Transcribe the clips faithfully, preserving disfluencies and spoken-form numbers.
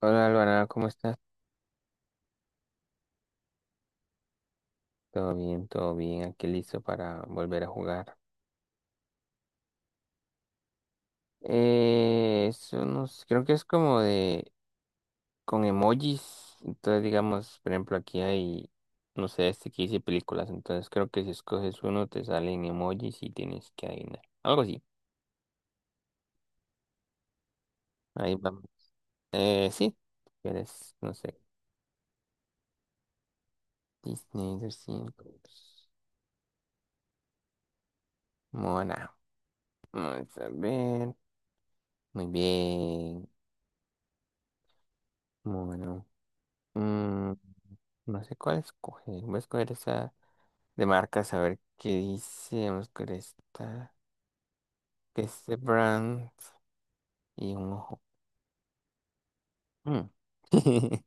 Hola Alvarado, ¿cómo estás? Todo bien, todo bien, aquí listo para volver a jugar. Eh, es unos, creo que es como de, con emojis, entonces digamos, por ejemplo, aquí hay, no sé, este que dice películas, entonces creo que si escoges uno te salen emojis y tienes que adivinar, algo así, ahí vamos. Eh, sí, quieres, no sé, Disney doscientos, Moana, vamos a ver, muy bien, Moana. No sé cuál escoger. Voy a escoger esa de marcas, a ver qué dice. Vamos a escoger esta, que es de brand y un ojo. Mm.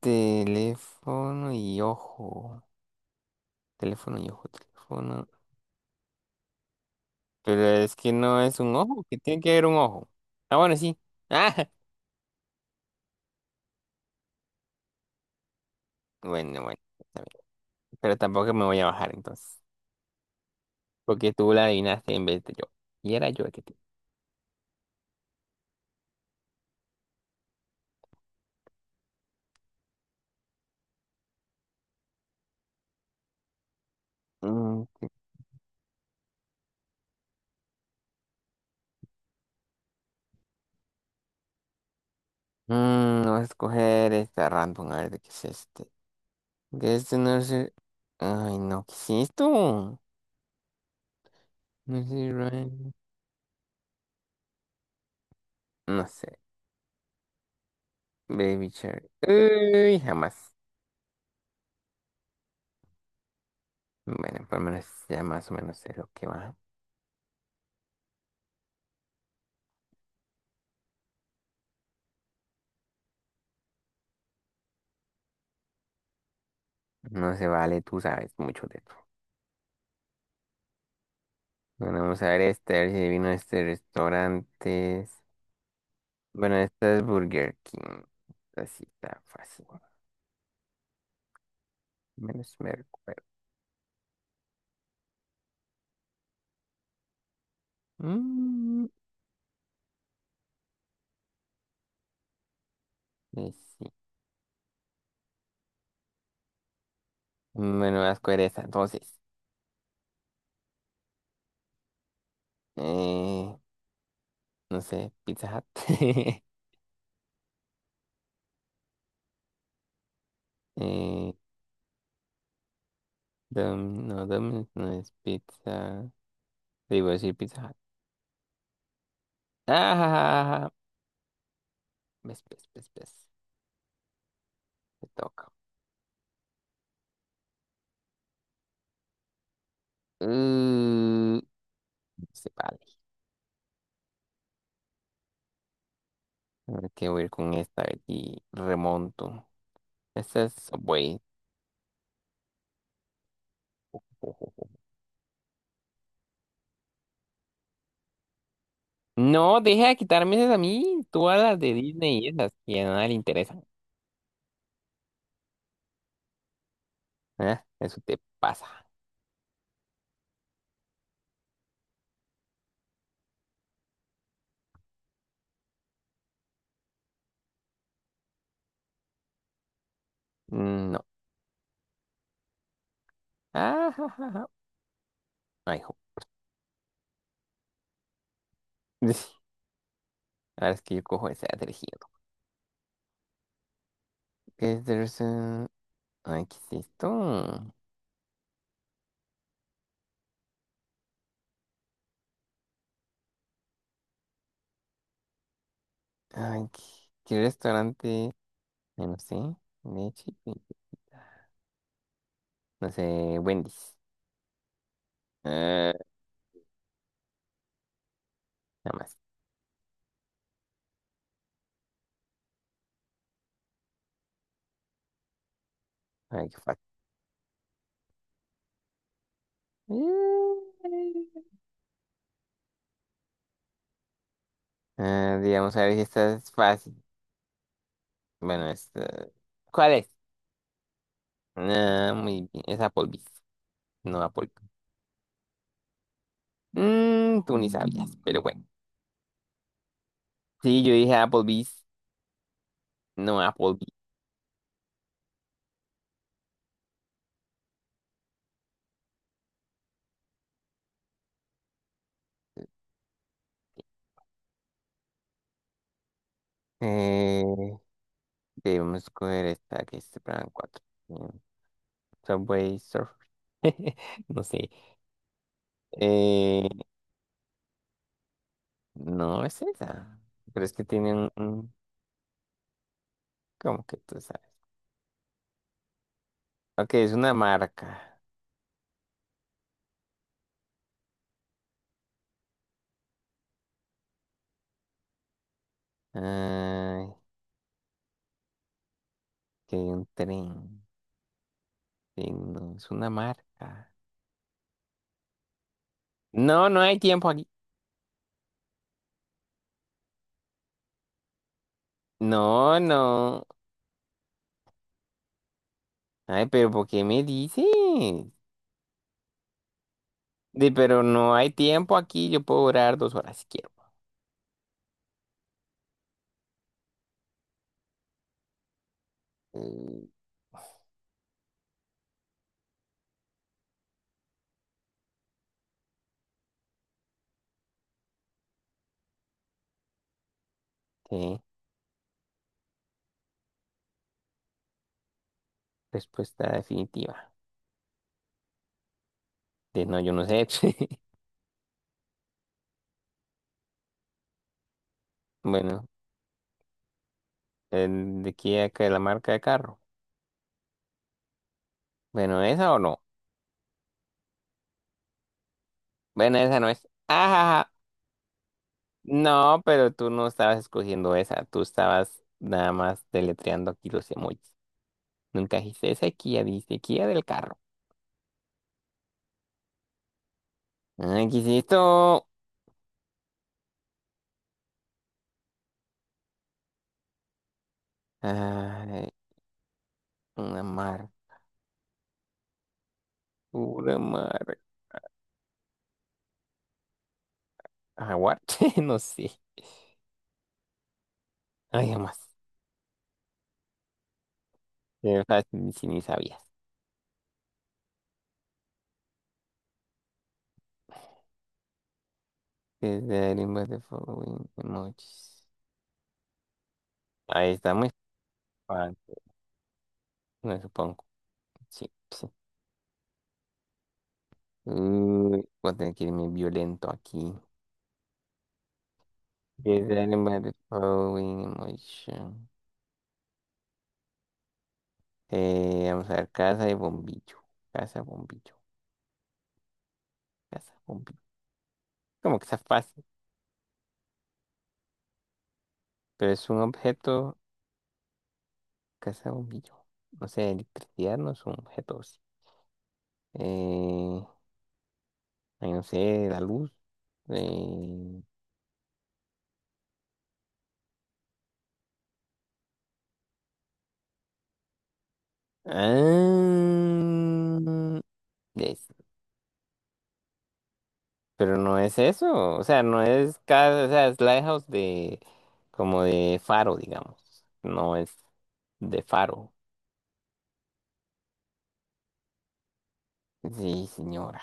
Teléfono y ojo. Teléfono y ojo, teléfono. Pero es que no es un ojo, que tiene que haber un ojo. Ah, bueno, sí. Ah, bueno, bueno, está bien. Pero tampoco me voy a bajar entonces. Porque tú la adivinaste en vez de yo. Y era yo el que te. Mm, mm, voy a escoger esta random, a ver de qué es este. Que este no sé. Ay, no, ¿qué es esto? No sé, Ryan. No sé. Baby Shark. Uy, jamás. Bueno, por lo menos ya más o menos sé lo que va. No se vale, tú sabes mucho de esto. Bueno, vamos a ver este, a ver si adivino este restaurante. Bueno, esta es Burger King. Esta sí está fácil. Menos me recuerdo. Mm, y sí. Bueno, vas a escoger esta, entonces. Eh, no sé, Pizza Hut. Eh, Dom- no, Domino's no es pizza. Digo, decir pizza. Hut. Ah, ves, ves, ves, ves. Me toca. Uh, se vale. A ver qué voy a ir con esta. A ver si remonto. Esta es Subway. Ojo. No, deja de quitarme esas a mí. Tú a las de Disney y esas que a nadie le interesan. Ah, eso te pasa. Mm, no. Ah, ja, ja, ja. Ay, jo. Ahora es que yo cojo esa de tejido. ¿Qué es eso? Ay, ¿qué es esto? Ay, ¿qué, qué restaurante? Ay, no sé. de Chipi- No sé, Wendy's. Ah, nada más. Ay, qué fácil. Ah, digamos, a ver si esta es fácil. Bueno, esta... ¿Cuál es? Ah, muy bien. Es Applebee's. No Applebee's. Mm, tú ni sabías, pero bueno. Sí, yo dije Applebee's, no Applebee's. Eh, debemos coger esta que es Plan cuatro eh, Subway Surfer. No sé. Eh, No es esa. Pero es que tiene un... un- ¿Cómo que tú sabes? Ok, es una marca. Ay, que hay un tren. Sí, no, es una marca. No, no hay tiempo aquí. No, no. Ay, pero ¿por qué me dices? Di, pero no hay tiempo aquí. Yo puedo durar dos horas si quiero. Mm, ¿qué? Respuesta definitiva. De no, yo no sé. Bueno, el de aquí acá, la marca de carro. Bueno, ¿esa o no? Bueno, esa no es. Ajá. No, pero tú no estabas escogiendo esa, tú estabas nada más deletreando aquí los emojis. Nunca dijiste esa Kia, dijiste Kia del carro. Ay, ¿qué es esto? Ay, una mar, una mar. Jaguar, no sé. Ay, más. Qué fácil, si ni sabías. Is there any way to following emojis? Ahí está muy fácil, me supongo. Sí, sí. Uy, voy a tener que irme violento aquí. Is there any way to following emojis? Eh, vamos a ver, casa de bombillo. Casa, bombillo. Casa, bombillo. Como que está fácil, pero es un objeto. Casa, bombillo. No sé, electricidad no es un objeto. ¿O sí. Eh, ay, no sé, la luz. eh, ah, es- pero no es eso. O sea, no es casa. O sea, es lighthouse de. Como de faro, digamos. No es de faro. Sí, señora.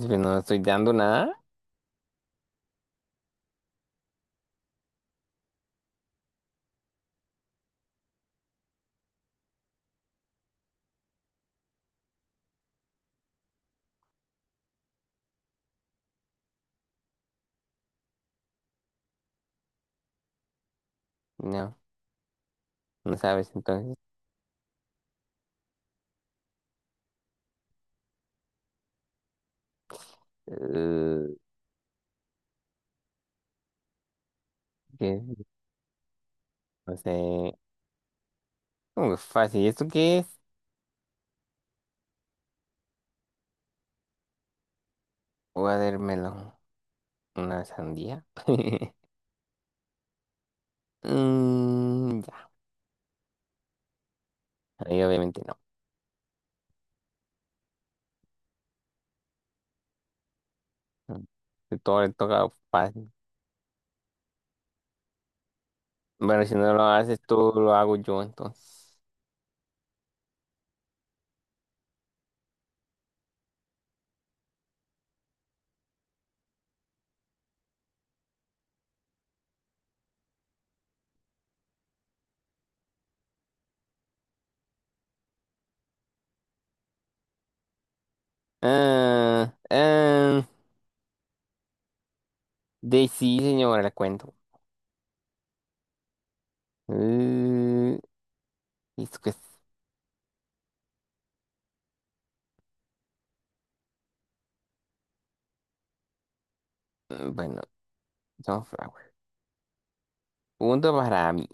Si no estoy dando nada. no No sabes, entonces, eh, ¿qué? No sé. Uh, fácil. ¿Esto qué es? Voy a ver ¿una sandía? Mm, ya. Ahí obviamente no. Mm. De todo le toca fácil. Bueno, si no lo haces tú, lo hago yo entonces. Ah, ah, de sí, señora, le cuento. Eh, ¿esto qué es? Mm, bueno, sunflower. Punto para mí.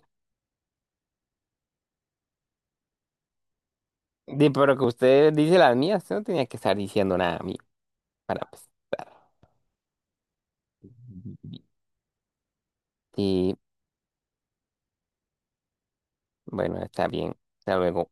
Sí, pero que usted dice las mías, no tenía que estar diciendo nada a mí para empezar. Y bueno, está bien. Hasta luego.